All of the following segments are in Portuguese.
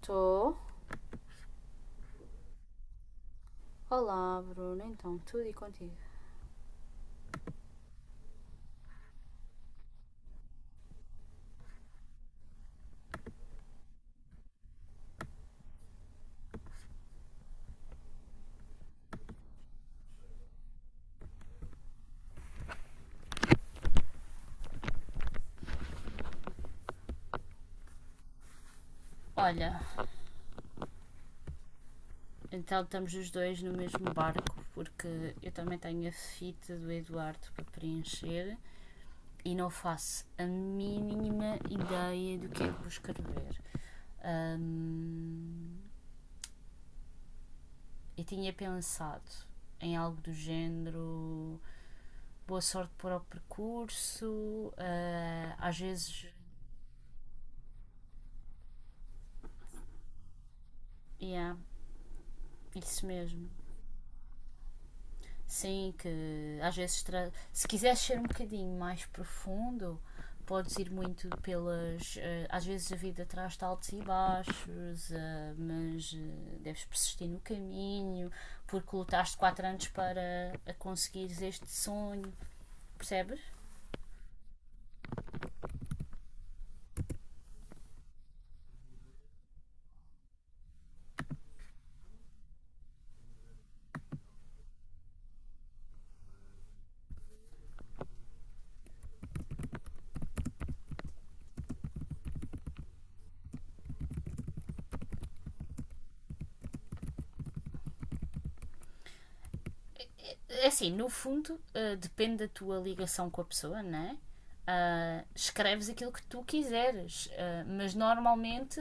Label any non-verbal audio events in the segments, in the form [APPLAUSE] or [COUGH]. Estou. Olá, Bruno. Então, tudo e contigo? Olha, então estamos os dois no mesmo barco, porque eu também tenho a fita do Eduardo para preencher e não faço a mínima ideia do que é que vou escrever. Hum, eu tinha pensado em algo do género boa sorte para o percurso, às vezes, yeah, isso mesmo. Sim, que às vezes se quiseres ser um bocadinho mais profundo, podes ir muito pelas. Às vezes a vida traz-te altos e baixos, mas deves persistir no caminho, porque lutaste quatro anos para a conseguires este sonho, percebes? É assim, no fundo, depende da tua ligação com a pessoa, não é? Escreves aquilo que tu quiseres, mas normalmente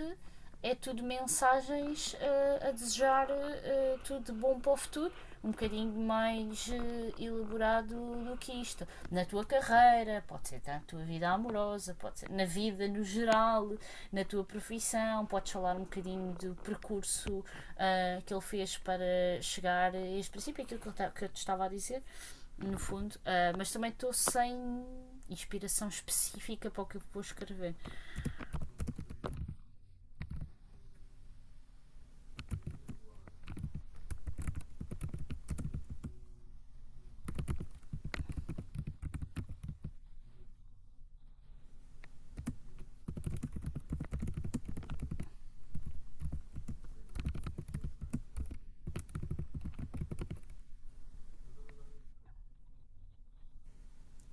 é tudo mensagens a desejar tudo de bom para o futuro, um bocadinho mais elaborado do que isto. Na tua carreira, pode ser na tua vida amorosa, pode ser na vida no geral, na tua profissão, podes falar um bocadinho do percurso que ele fez para chegar a este princípio, aquilo que eu te estava a dizer, no fundo. Ah, mas também estou sem inspiração específica para o que eu vou escrever.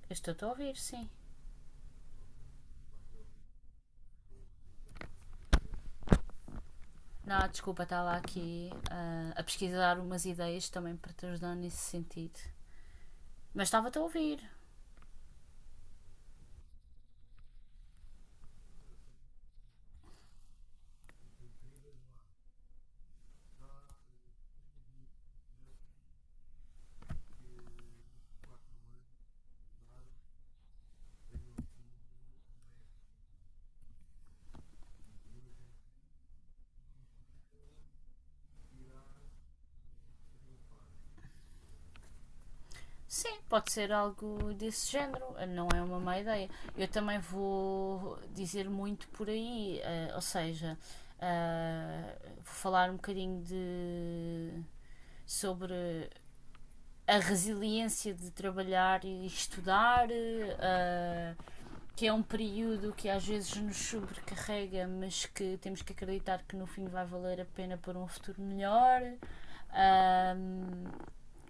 Eu estou-te a ouvir, sim. Não, desculpa, está lá aqui a pesquisar umas ideias também para te ajudar nesse sentido. Mas estava-te a ouvir. Sim, pode ser algo desse género, não é uma má ideia. Eu também vou dizer muito por aí, ou seja, vou falar um bocadinho de sobre a resiliência de trabalhar e estudar, ah, que é um período que às vezes nos sobrecarrega, mas que temos que acreditar que no fim vai valer a pena por um futuro melhor. ahm,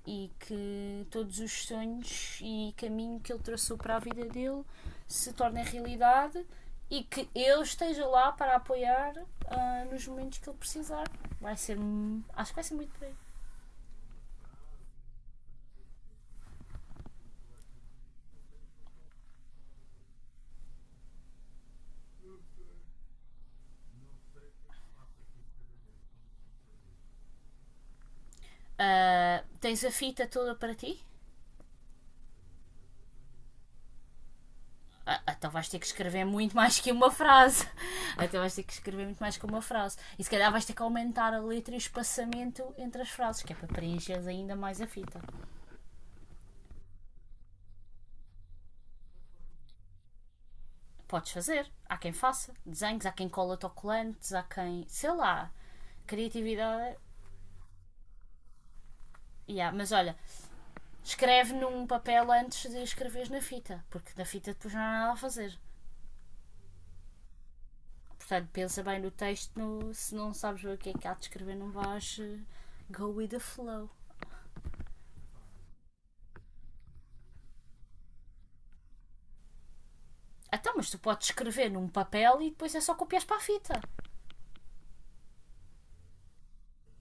e que todos os sonhos e caminho que ele traçou para a vida dele se tornem realidade e que eu esteja lá para apoiar nos momentos que ele precisar. Vai ser. Acho que vai ser muito bem. Ah, tens a fita toda para ti? Ah, então vais ter que escrever muito mais que uma frase. [LAUGHS] Ah, Então vais ter que escrever muito mais que uma frase. E se calhar vais ter que aumentar a letra e o espaçamento entre as frases, que é para preencheres ainda mais a fita. Podes fazer. Há quem faça desenhos, há quem cola autocolantes, há quem. Sei lá. Criatividade. Yeah, mas olha, escreve num papel antes de escreveres na fita, porque na fita depois não há nada a fazer. Portanto, pensa bem no texto, se não sabes o que é que há de escrever, não vais go with the flow. Então, mas tu podes escrever num papel e depois é só copias para a fita.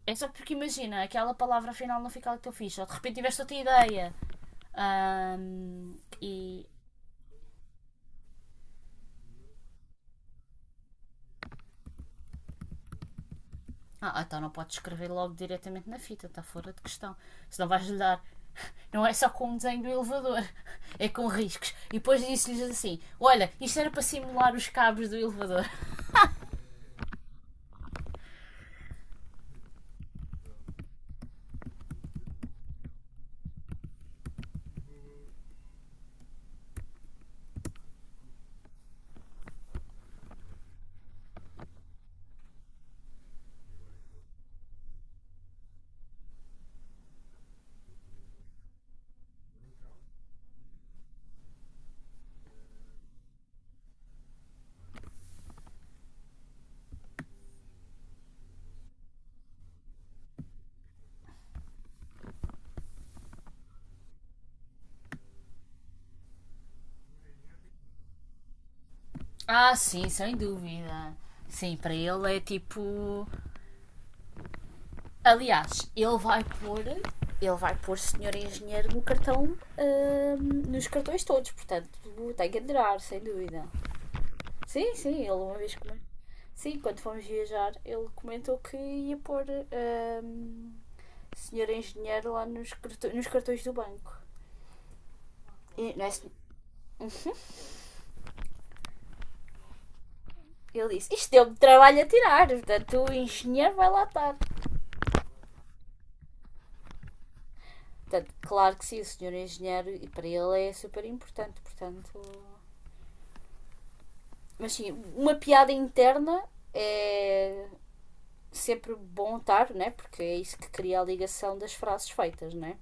É só porque imagina, aquela palavra final não fica ali que tu fiz, ou de repente tiveste outra ideia. Ahm, e. Ah, então não podes escrever logo diretamente na fita, está fora de questão. Senão vais lhe dar. [LAUGHS] Não é só com o desenho do elevador, [LAUGHS] é com riscos. E depois disse-lhes assim: Olha, isto era para simular os cabos do elevador. [LAUGHS] Ah, sim, sem dúvida. Sim, para ele é tipo. Aliás, ele vai pôr senhor engenheiro no cartão, hum, nos cartões todos, portanto, tem que aderar, sem dúvida. Sim, sim, ele uma vez comentou. Sim, quando fomos viajar, ele comentou que ia pôr hum, senhor engenheiro lá nos cartões do banco. E, não é, ele disse, isto deu-me trabalho a tirar, portanto o engenheiro vai lá estar. Portanto, claro que sim, o senhor engenheiro, e para ele é super importante, portanto... Mas sim, uma piada interna é sempre bom estar, né? Porque é isso que cria a ligação das frases feitas, né?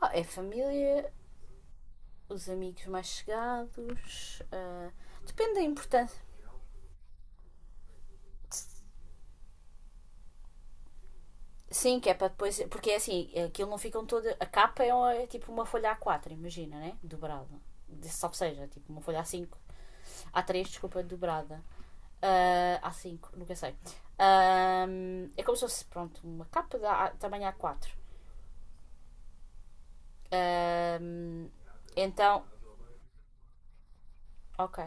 Ah, é família, os amigos mais chegados. Depende da importância. Sim, que é para depois. Porque é assim, aquilo não ficam toda. A capa é, é tipo uma folha A4, imagina, né? Dobrada. Salvo seja, tipo uma folha A5. A três desculpa, dobrada. Ah, a cinco nunca sei. É como se fosse, pronto, uma capa da também tamanho A4. Ahm, então, ok.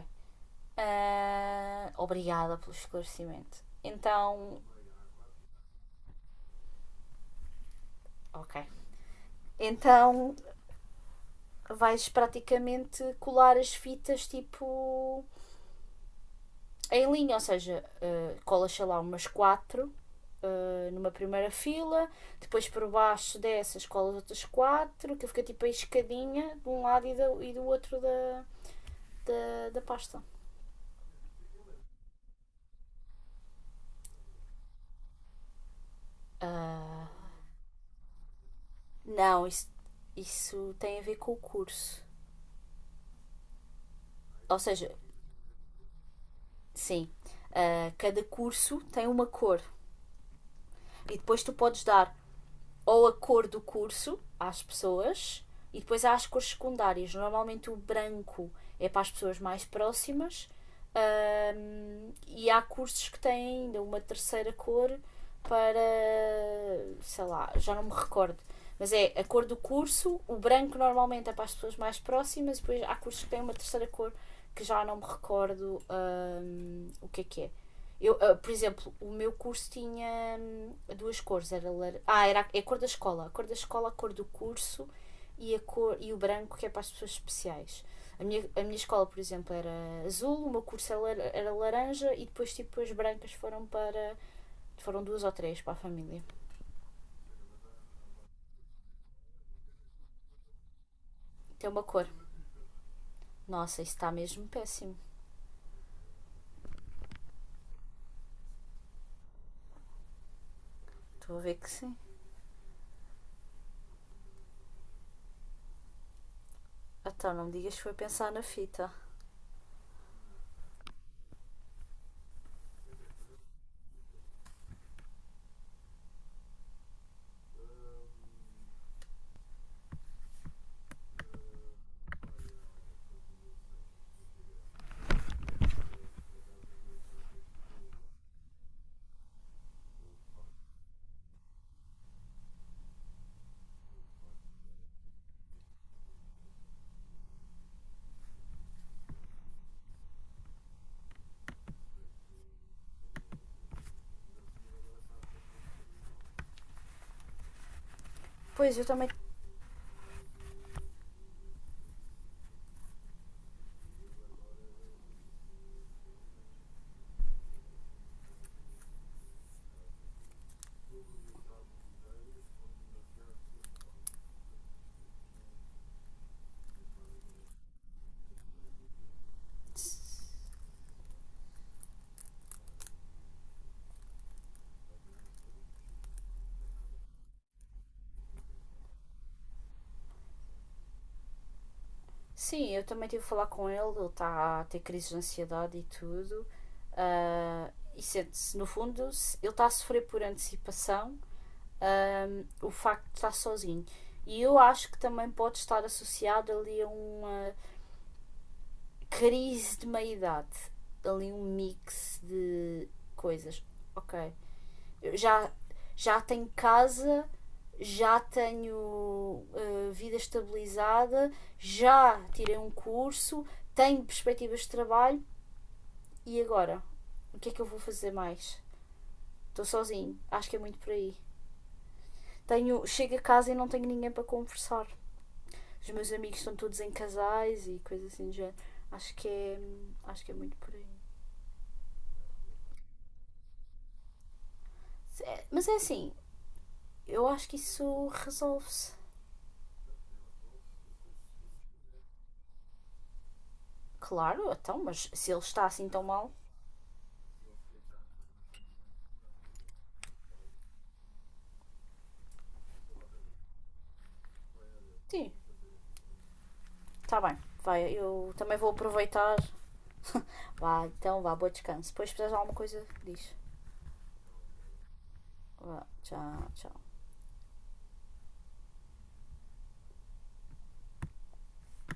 Ah, obrigada pelo esclarecimento. Então, ok. Então vais praticamente colar as fitas tipo em linha, ou seja, colas sei lá umas quatro numa primeira fila, depois por baixo dessas colas outras quatro, que fica tipo a escadinha de um lado e e do outro da pasta. Ah, não, isso tem a ver com o curso. Ou seja, sim, cada curso tem uma cor e depois tu podes dar ou a cor do curso às pessoas e depois há as cores secundárias. Normalmente o branco é para as pessoas mais próximas, e há cursos que têm ainda uma terceira cor para sei lá, já não me recordo. Mas é a cor do curso, o branco normalmente é para as pessoas mais próximas, e depois há cursos que têm uma terceira cor que já não me recordo o que é que é. Eu, por exemplo, o meu curso tinha duas cores. Era lar... Ah, era é a cor da escola. A cor da escola, a cor do curso e, a cor, e o branco, que é para as pessoas especiais. A minha escola, por exemplo, era azul, o meu curso era, era laranja e depois, tipo, as brancas foram para. Foram duas ou três para a família. Tem uma cor. Nossa, isso está mesmo péssimo. Estou a ver que sim. Então, não me digas que foi pensar na fita. Pois, eu também. Sim, eu também tive a falar com ele, ele está a ter crises de ansiedade e tudo. ah, e sente-se, no fundo, ele está a sofrer por antecipação, ah, o facto de estar sozinho. E eu acho que também pode estar associado ali a uma crise de meia-idade, ali um mix de coisas. Ok, eu já, já tenho casa, já tenho vida estabilizada, já tirei um curso, tenho perspectivas de trabalho e agora? O que é que eu vou fazer mais? Estou sozinho, acho que é muito por aí. Tenho, chego a casa e não tenho ninguém para conversar. Os meus amigos estão todos em casais e coisas assim do género. Acho que é, acho que é muito por aí. É, mas é assim, eu acho que isso resolve-se. Claro, então, mas se ele está assim tão mal, sim, tá bem, vai, eu também vou aproveitar. Vá, então, vá, bom descanso. Depois, se precisares de alguma coisa, diz. Vá, tchau, tchau.